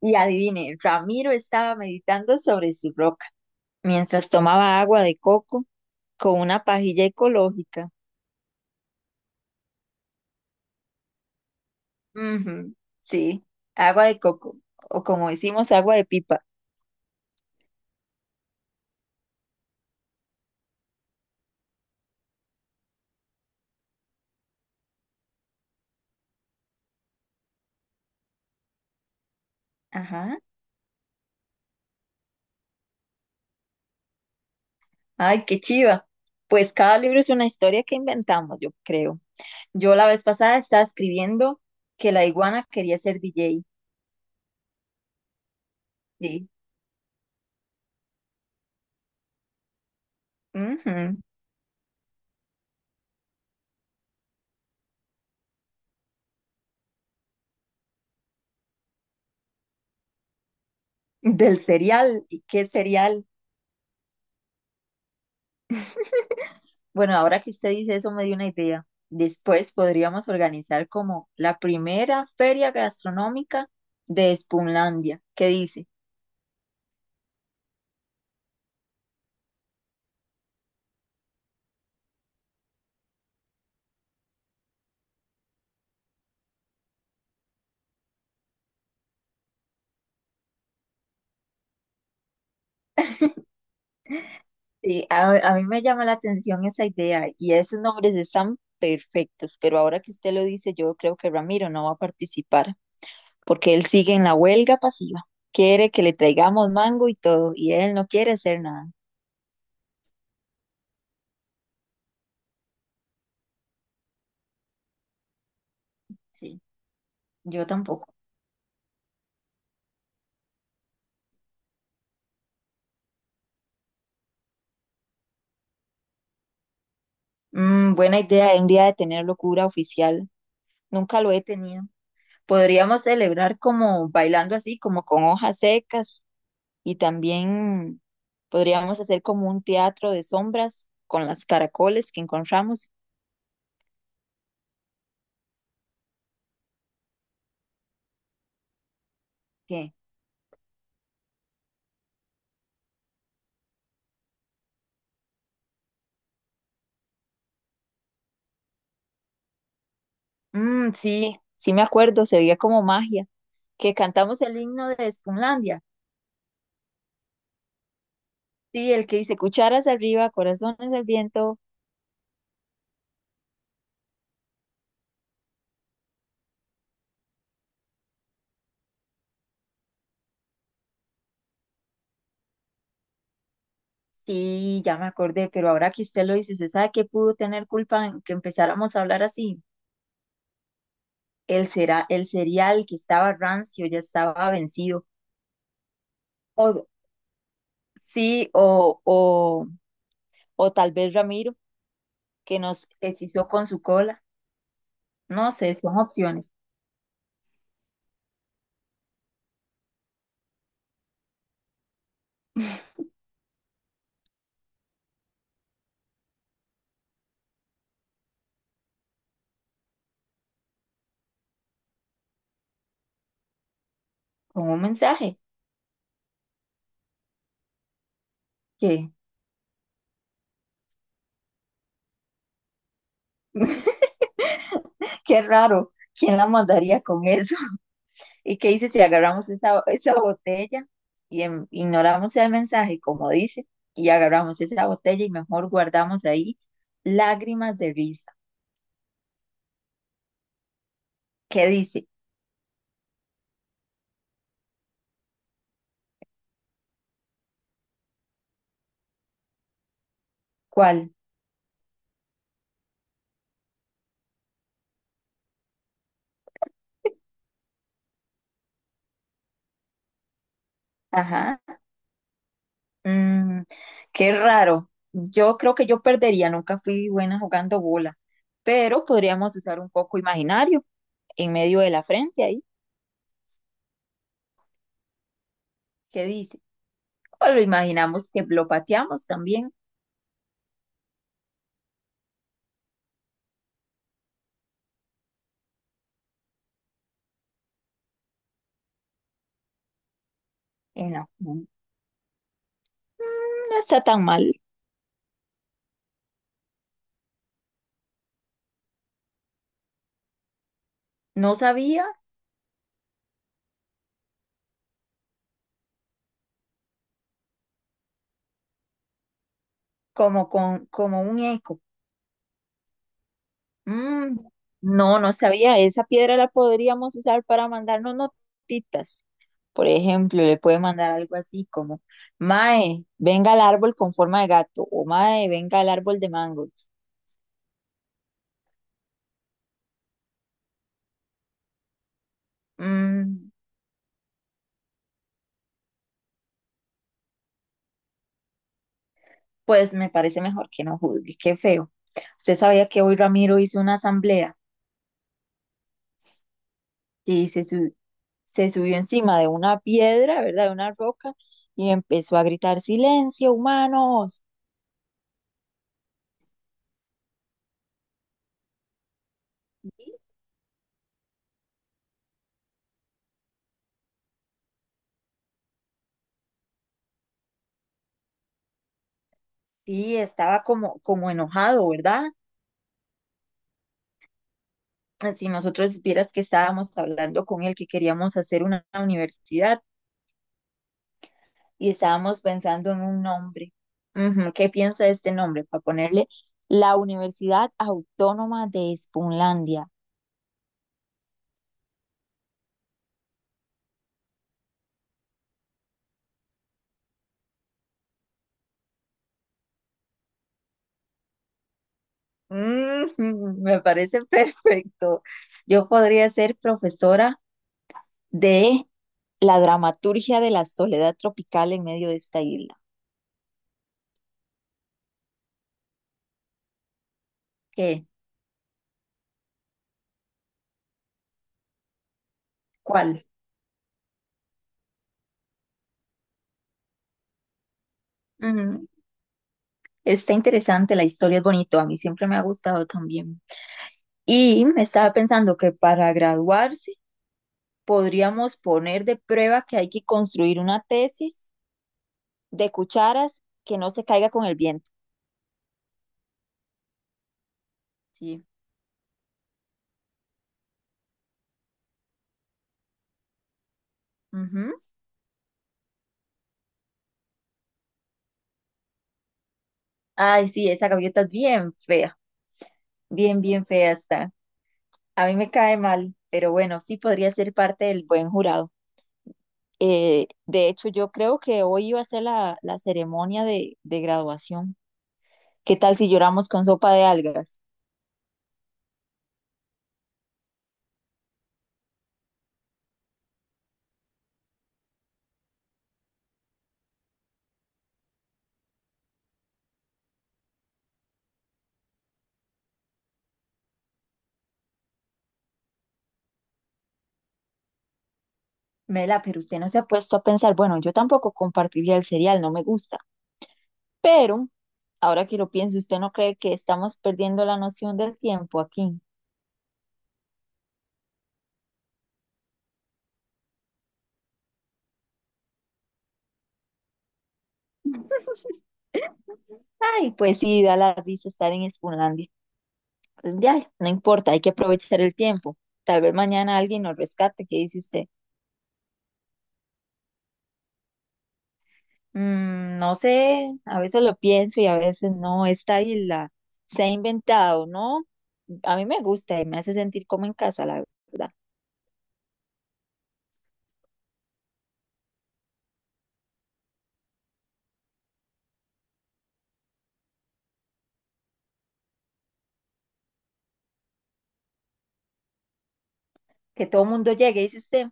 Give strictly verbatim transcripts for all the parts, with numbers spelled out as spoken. Y adivine, Ramiro estaba meditando sobre su roca mientras tomaba agua de coco con una pajilla ecológica. Ujú, sí, agua de coco, o como decimos, agua de pipa. Ajá, ay, qué chiva. Pues cada libro es una historia que inventamos, yo creo. Yo la vez pasada estaba escribiendo que la iguana quería ser D J. Sí, ujú, del cereal. ¿Y qué cereal? Bueno, ahora que usted dice eso me dio una idea. Después podríamos organizar como la primera feria gastronómica de Spunlandia. ¿Qué dice? Sí, a, a mí me llama la atención esa idea y esos nombres están perfectos, pero ahora que usted lo dice, yo creo que Ramiro no va a participar porque él sigue en la huelga pasiva. Quiere que le traigamos mango y todo y él no quiere hacer nada. Sí, yo tampoco. Mm, buena idea, un día de tener locura oficial. Nunca lo he tenido. Podríamos celebrar como bailando así, como con hojas secas y también podríamos hacer como un teatro de sombras con las caracoles que encontramos. ¿Qué? Mm, sí, sí me acuerdo, se veía como magia, que cantamos el himno deSpunlandia. Sí, el que dice cucharas arriba, corazones al viento. Sí, ya me acordé, pero ahora que usted lo dice, ¿usted sabe qué pudo tener culpa en que empezáramos a hablar así? El, cera- el cereal que estaba rancio ya estaba vencido. O, sí, o, o, o tal vez Ramiro, que nos hechizó con su cola. No sé, son opciones. Con un mensaje. Qué, qué raro. ¿Quién la mandaría con eso? ¿Y qué dice si agarramos esa, esa botella y en- ignoramos el mensaje, como dice, y agarramos esa botella y mejor guardamos ahí lágrimas de risa? ¿Qué dice? ¿Cuál? Ajá. Mm, qué raro. Yo creo que yo perdería, nunca fui buena jugando bola, pero podríamos usar un poco imaginario en medio de la frente ahí. ¿Qué dice? O lo imaginamos que lo pateamos también. Eh, no, no no está tan mal. No sabía, como, con, como un eco. Mm, no, no sabía. Esa piedra la podríamos usar para mandarnos notitas. Por ejemplo, le puede mandar algo así como, Mae, venga al árbol con forma de gato o Mae, venga al árbol de mangos. Mm, pues me parece mejor que no juzgue, qué feo. Usted sabía que hoy Ramiro hizo una asamblea. Sí, se, su- se subió encima de una piedra, ¿verdad? De una roca, y empezó a gritar, silencio, humanos. Sí, estaba como, como enojado, ¿verdad? Si nosotros vieras que estábamos hablando con él, que queríamos hacer una universidad y estábamos pensando en un nombre. Ujú, ¿qué piensa de este nombre? Para ponerle la Universidad Autónoma de Espunlandia. Ujú, me parece perfecto. Yo podría ser profesora de la dramaturgia de la soledad tropical en medio de esta isla. ¿Qué? ¿Cuál? Ujú. Está interesante, la historia es bonito, a mí siempre me ha gustado también. Y estaba pensando que para graduarse podríamos poner de prueba que hay que construir una tesis de cucharas que no se caiga con el viento. Sí. Ujú. Ay, sí, esa gaviota es bien fea, bien, bien fea está. A mí me cae mal, pero bueno, sí podría ser parte del buen jurado. Eh, de hecho, yo creo que hoy iba a ser la, la ceremonia de, de graduación. ¿Qué tal si lloramos con sopa de algas? Mela, pero usted no se ha puesto a pensar, bueno, yo tampoco compartiría el cereal, no me gusta. Pero, ahora que lo pienso, ¿usted no cree que estamos perdiendo la noción del tiempo aquí? Ay, pues sí, da la risa estar en Spunlandia. Pues ya, no importa, hay que aprovechar el tiempo. Tal vez mañana alguien nos rescate, ¿qué dice usted? Mm, no sé, a veces lo pienso y a veces no. Esta isla se ha inventado, ¿no? A mí me gusta y me hace sentir como en casa, la verdad. Que todo el mundo llegue, dice usted.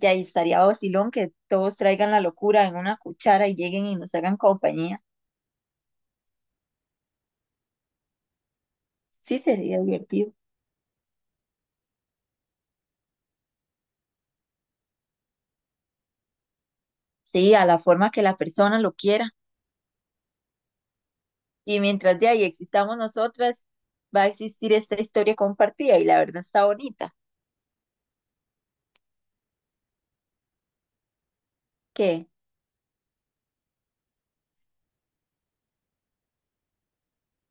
Y ahí estaría vacilón que todos traigan la locura en una cuchara y lleguen y nos hagan compañía. Sí, sería divertido. Sí, a la forma que la persona lo quiera. Y mientras de ahí existamos nosotras, va a existir esta historia compartida y la verdad está bonita. ¿Qué?